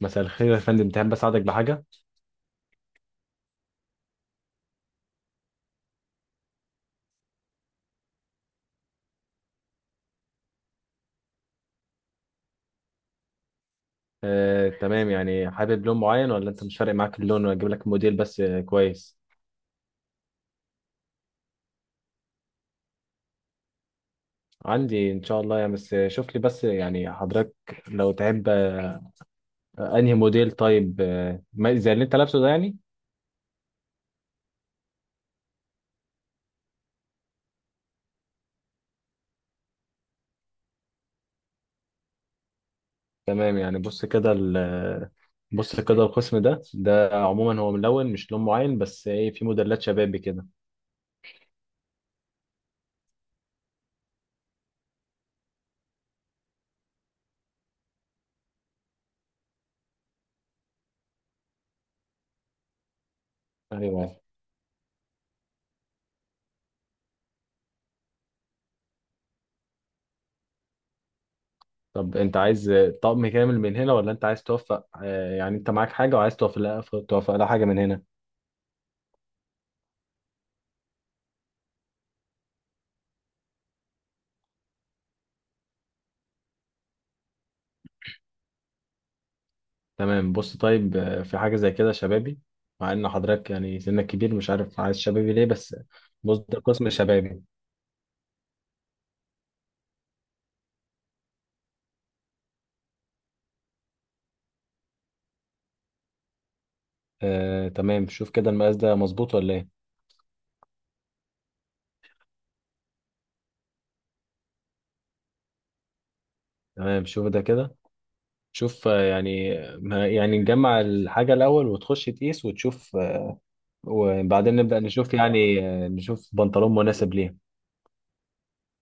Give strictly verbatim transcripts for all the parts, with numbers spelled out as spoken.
مساء الخير يا فندم، تحب اساعدك بحاجه؟ آه، تمام، يعني حابب لون معين ولا انت مش فارق معاك اللون واجيب لك موديل بس؟ آه، كويس. عندي ان شاء الله يعني، بس آه، شوف لي بس يعني حضرتك لو تحب، آه، انهي موديل؟ طيب آه، ما- زي اللي انت لابسه ده يعني؟ تمام يعني. بص كده ال- آه، بص كده، القسم ده، ده عموما هو ملون، مش لون معين، بس ايه، في موديلات شبابي كده. ايوه. طب انت عايز آه، طقم كامل من هنا، ولا انت عايز توفق؟ آه، يعني انت معاك حاجه وعايز توفق لها، توفق لها حاجه من هنا؟ تمام. بص طيب، آه، في حاجة زي كده شبابي، مع ان حضرتك يعني سنك كبير، مش عارف عايز شبابي ليه بس. بص ده قسم شبابي. آه تمام، شوف كده المقاس ده مظبوط ولا ايه؟ تمام شوف ده كده. شوف آه، يعني ما- يعني نجمع الحاجة الأول وتخش تقيس وتشوف، آه، وبعدين نبدأ نشوف يعني، آه، نشوف بنطلون مناسب ليه.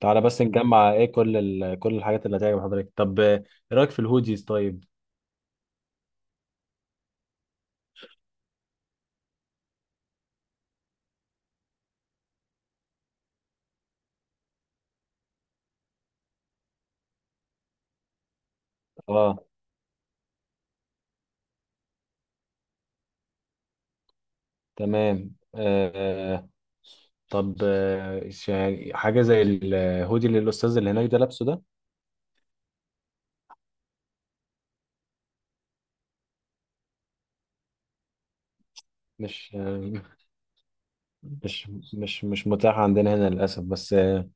تعالى بس نجمع، ايه، كل ال... كل الحاجات اللي هتعجب حضرتك. طب آه، ايه رأيك في الهوديز طيب؟ اه تمام. آه طب آه شا- حاجة زي الهودي اللي الأستاذ اللي هناك ده لابسه ده. مش آه مش مش مش متاح عندنا هنا للأسف، بس آه،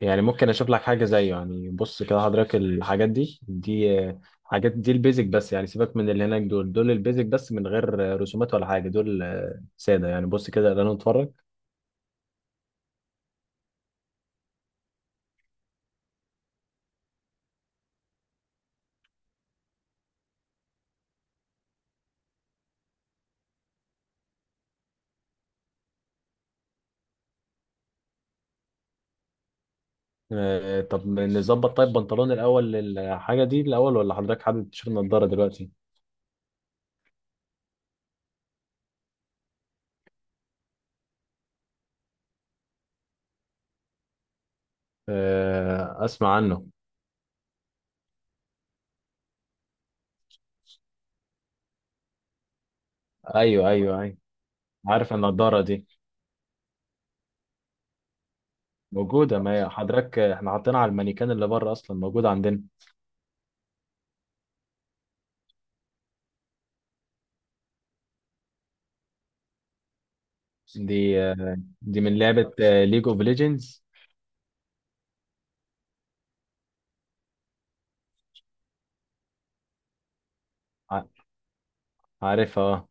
يعني ممكن أشوف لك حاجة زيه يعني. بص كده حضرتك، الحاجات دي دي آه، حاجات دي البيزك بس، يعني سيبك من اللي هناك، دول دول البيزك بس من غير آه، رسومات ولا حاجة، دول آه سادة يعني. بص كده خلينا نتفرج. آه طب نظبط طيب بنطلون الأول للحاجة دي الأول، ولا حضرتك حابب تشوف النضارة دلوقتي؟ آه أسمع عنه. ايوه ايوه ايوه، عارف النضاره دي، موجوده. ما هي حضرتك احنا حاطينها على المانيكان اللي بره، اصلا موجوده عندنا. دي آه، دي من لعبه ليج اوف ليجندز. عارفها، اه.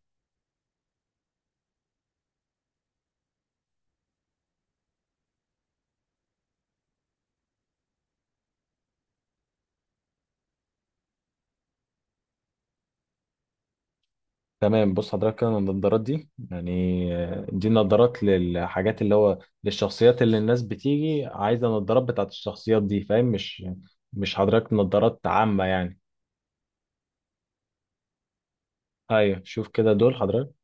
تمام، بص حضرتك كده النضارات دي يعني، آه، دي النضارات للحاجات اللي هو للشخصيات، اللي الناس بتيجي عايزه النضارات بتاعت الشخصيات دي، فاهم؟ مش مش حضرتك نضارات عامه يعني. ايوه شوف كده دول حضرتك.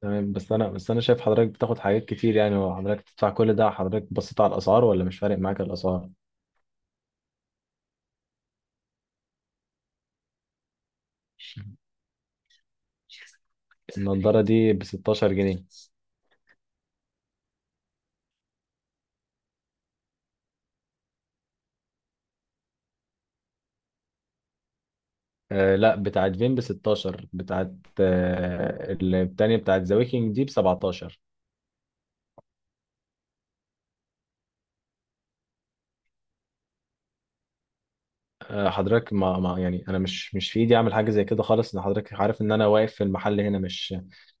تمام، بس انا بس انا شايف حضرتك بتاخد حاجات كتير يعني، وحضرتك تدفع كل ده، حضرتك بصيت على الاسعار ولا مش فارق معاك الاسعار؟ النضاره دي ب ستة عشر جنيها. آه لا، بتاعت فين ب ستاشر؟ بتاعت آه، التانية بتاعت ذا ويكينج دي ب سبعتاشر. آه حضرتك ما, ما يعني انا مش مش في ايدي اعمل حاجه زي كده خالص، ان حضرتك عارف ان انا واقف في المحل هنا، مش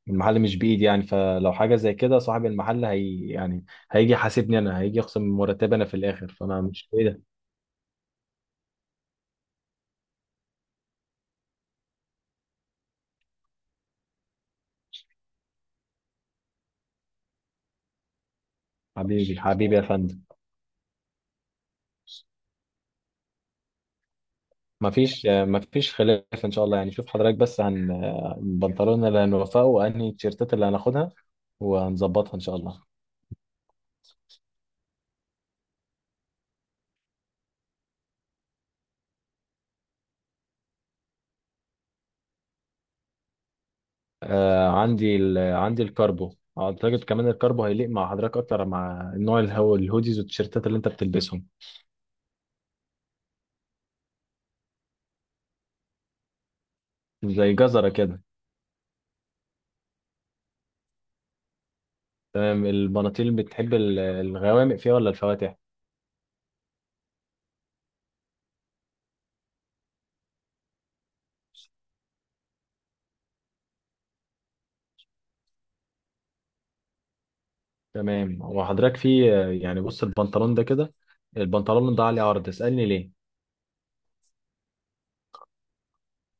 المحل مش بايدي يعني. فلو حاجه زي كده، صاحب المحل هي يعني هيجي يحاسبني انا، هيجي يخصم من مرتبي انا في الاخر، فانا مش، ايه ده. حبيبي حبيبي يا فندم. ما فيش ما فيش خلاف ان شاء الله يعني. شوف حضرتك بس هن، البنطلون اللي هنوفقه وانهي التيشيرتات اللي هناخدها، وهنظبطها ان شاء الله. آه، عندي ال... عندي الكاربو، اعتقد كمان الكاربو هيليق مع حضرتك اكتر، مع النوع الهو الهوديز والتيشيرتات اللي انت بتلبسهم. زي جزرة كده. تمام، البناطيل بتحب ال- الغوامق فيها ولا الفواتح؟ تمام. وحضرتك في، يعني بص البنطلون ده كده، البنطلون ده عليه عرض، اسألني ليه.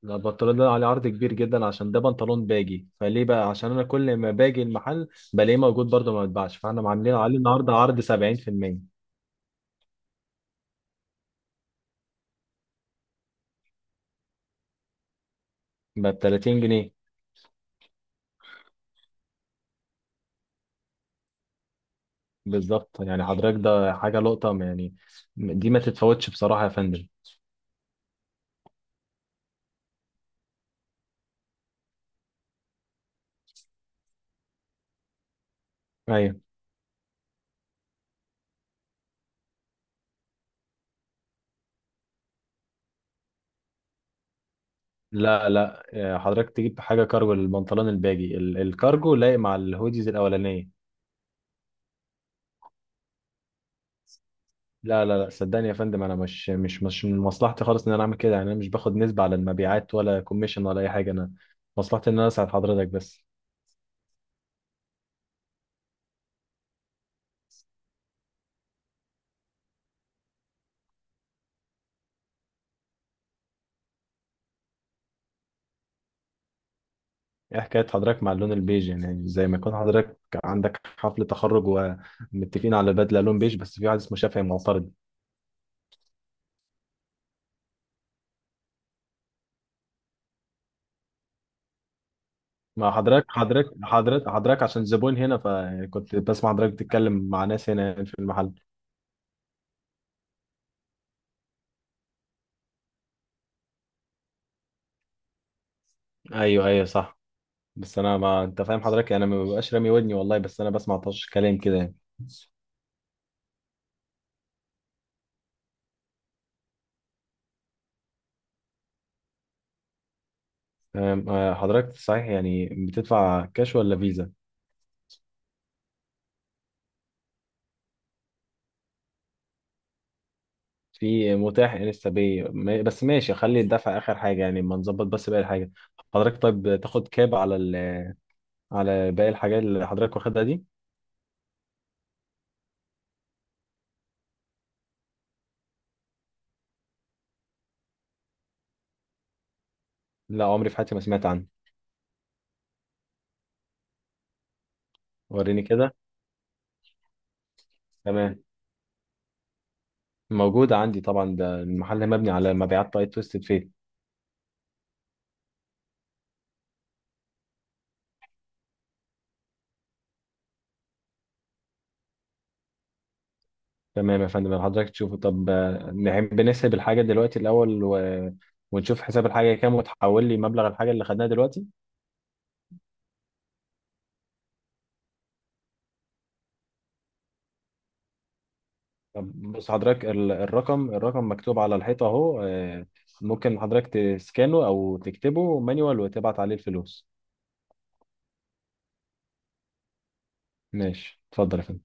لا، البنطلون ده عليه عرض كبير جدا، عشان ده بنطلون باجي فليه بقى، عشان انا كل ما باجي المحل بلاقيه موجود برضه، ما بتباعش، فاحنا عاملين عليه النهارده عرض سبعين في المية، ب تلاتين جنيه. بالظبط يعني، حضرتك ده حاجه لقطه ما يعني، دي ما تتفوتش بصراحه يا فندم. ايوه. لا لا، آه، حضرتك تجيب حاجه كارجو للبنطلون الباجي، ال- الكارجو لايق مع الهوديز الاولانيه. لا لا لا، صدقني يا فندم انا مش مش مش من مصلحتي خالص ان انا اعمل كده يعني، انا مش باخد نسبه على المبيعات ولا كوميشن ولا اي حاجه، انا مصلحتي ان انا اساعد حضرتك بس. ايه حكاية حضرتك مع اللون البيج يعني، زي ما يكون حضرتك عندك حفل تخرج ومتفقين على بدلة لون بيج، بس في واحد اسمه شافعي معترض. مع حضرتك، حضرتك حضرتك حضرتك عشان زبون هنا، فكنت بسمع حضرتك بتتكلم مع ناس هنا يعني في المحل. ايوه ايوه صح. بس انا، ما انت فاهم حضرتك، انا ما ببقاش رامي ودني والله، بس انا بسمع طش كلام كده يعني. أم، آه، حضرتك صحيح يعني بتدفع كاش ولا فيزا؟ في متاح لسه، بي ما- بس ماشي، خلي الدفع اخر حاجه يعني، ما نظبط بس باقي الحاجه. حضرتك طيب تاخد كاب على ال... على باقي الحاجات اللي حضرتك واخدها دي؟ لا عمري في حياتي ما سمعت عنه. وريني كده. تمام، موجود عندي طبعا، ده المحل مبني على مبيعات طاقية تويستد فيت. تمام يا فندم، حضرتك تشوفه. طب آه، نحب نحسب الحاجه دلوقتي الاول و... ونشوف حساب الحاجه كام، وتحول لي مبلغ الحاجه اللي خدناها دلوقتي. طب بص حضرتك، ال- الرقم، الرقم مكتوب على الحيطة اهو، آه، ممكن حضرتك تسكانه او تكتبه مانيوال وتبعت عليه الفلوس. ماشي اتفضل يا فندم.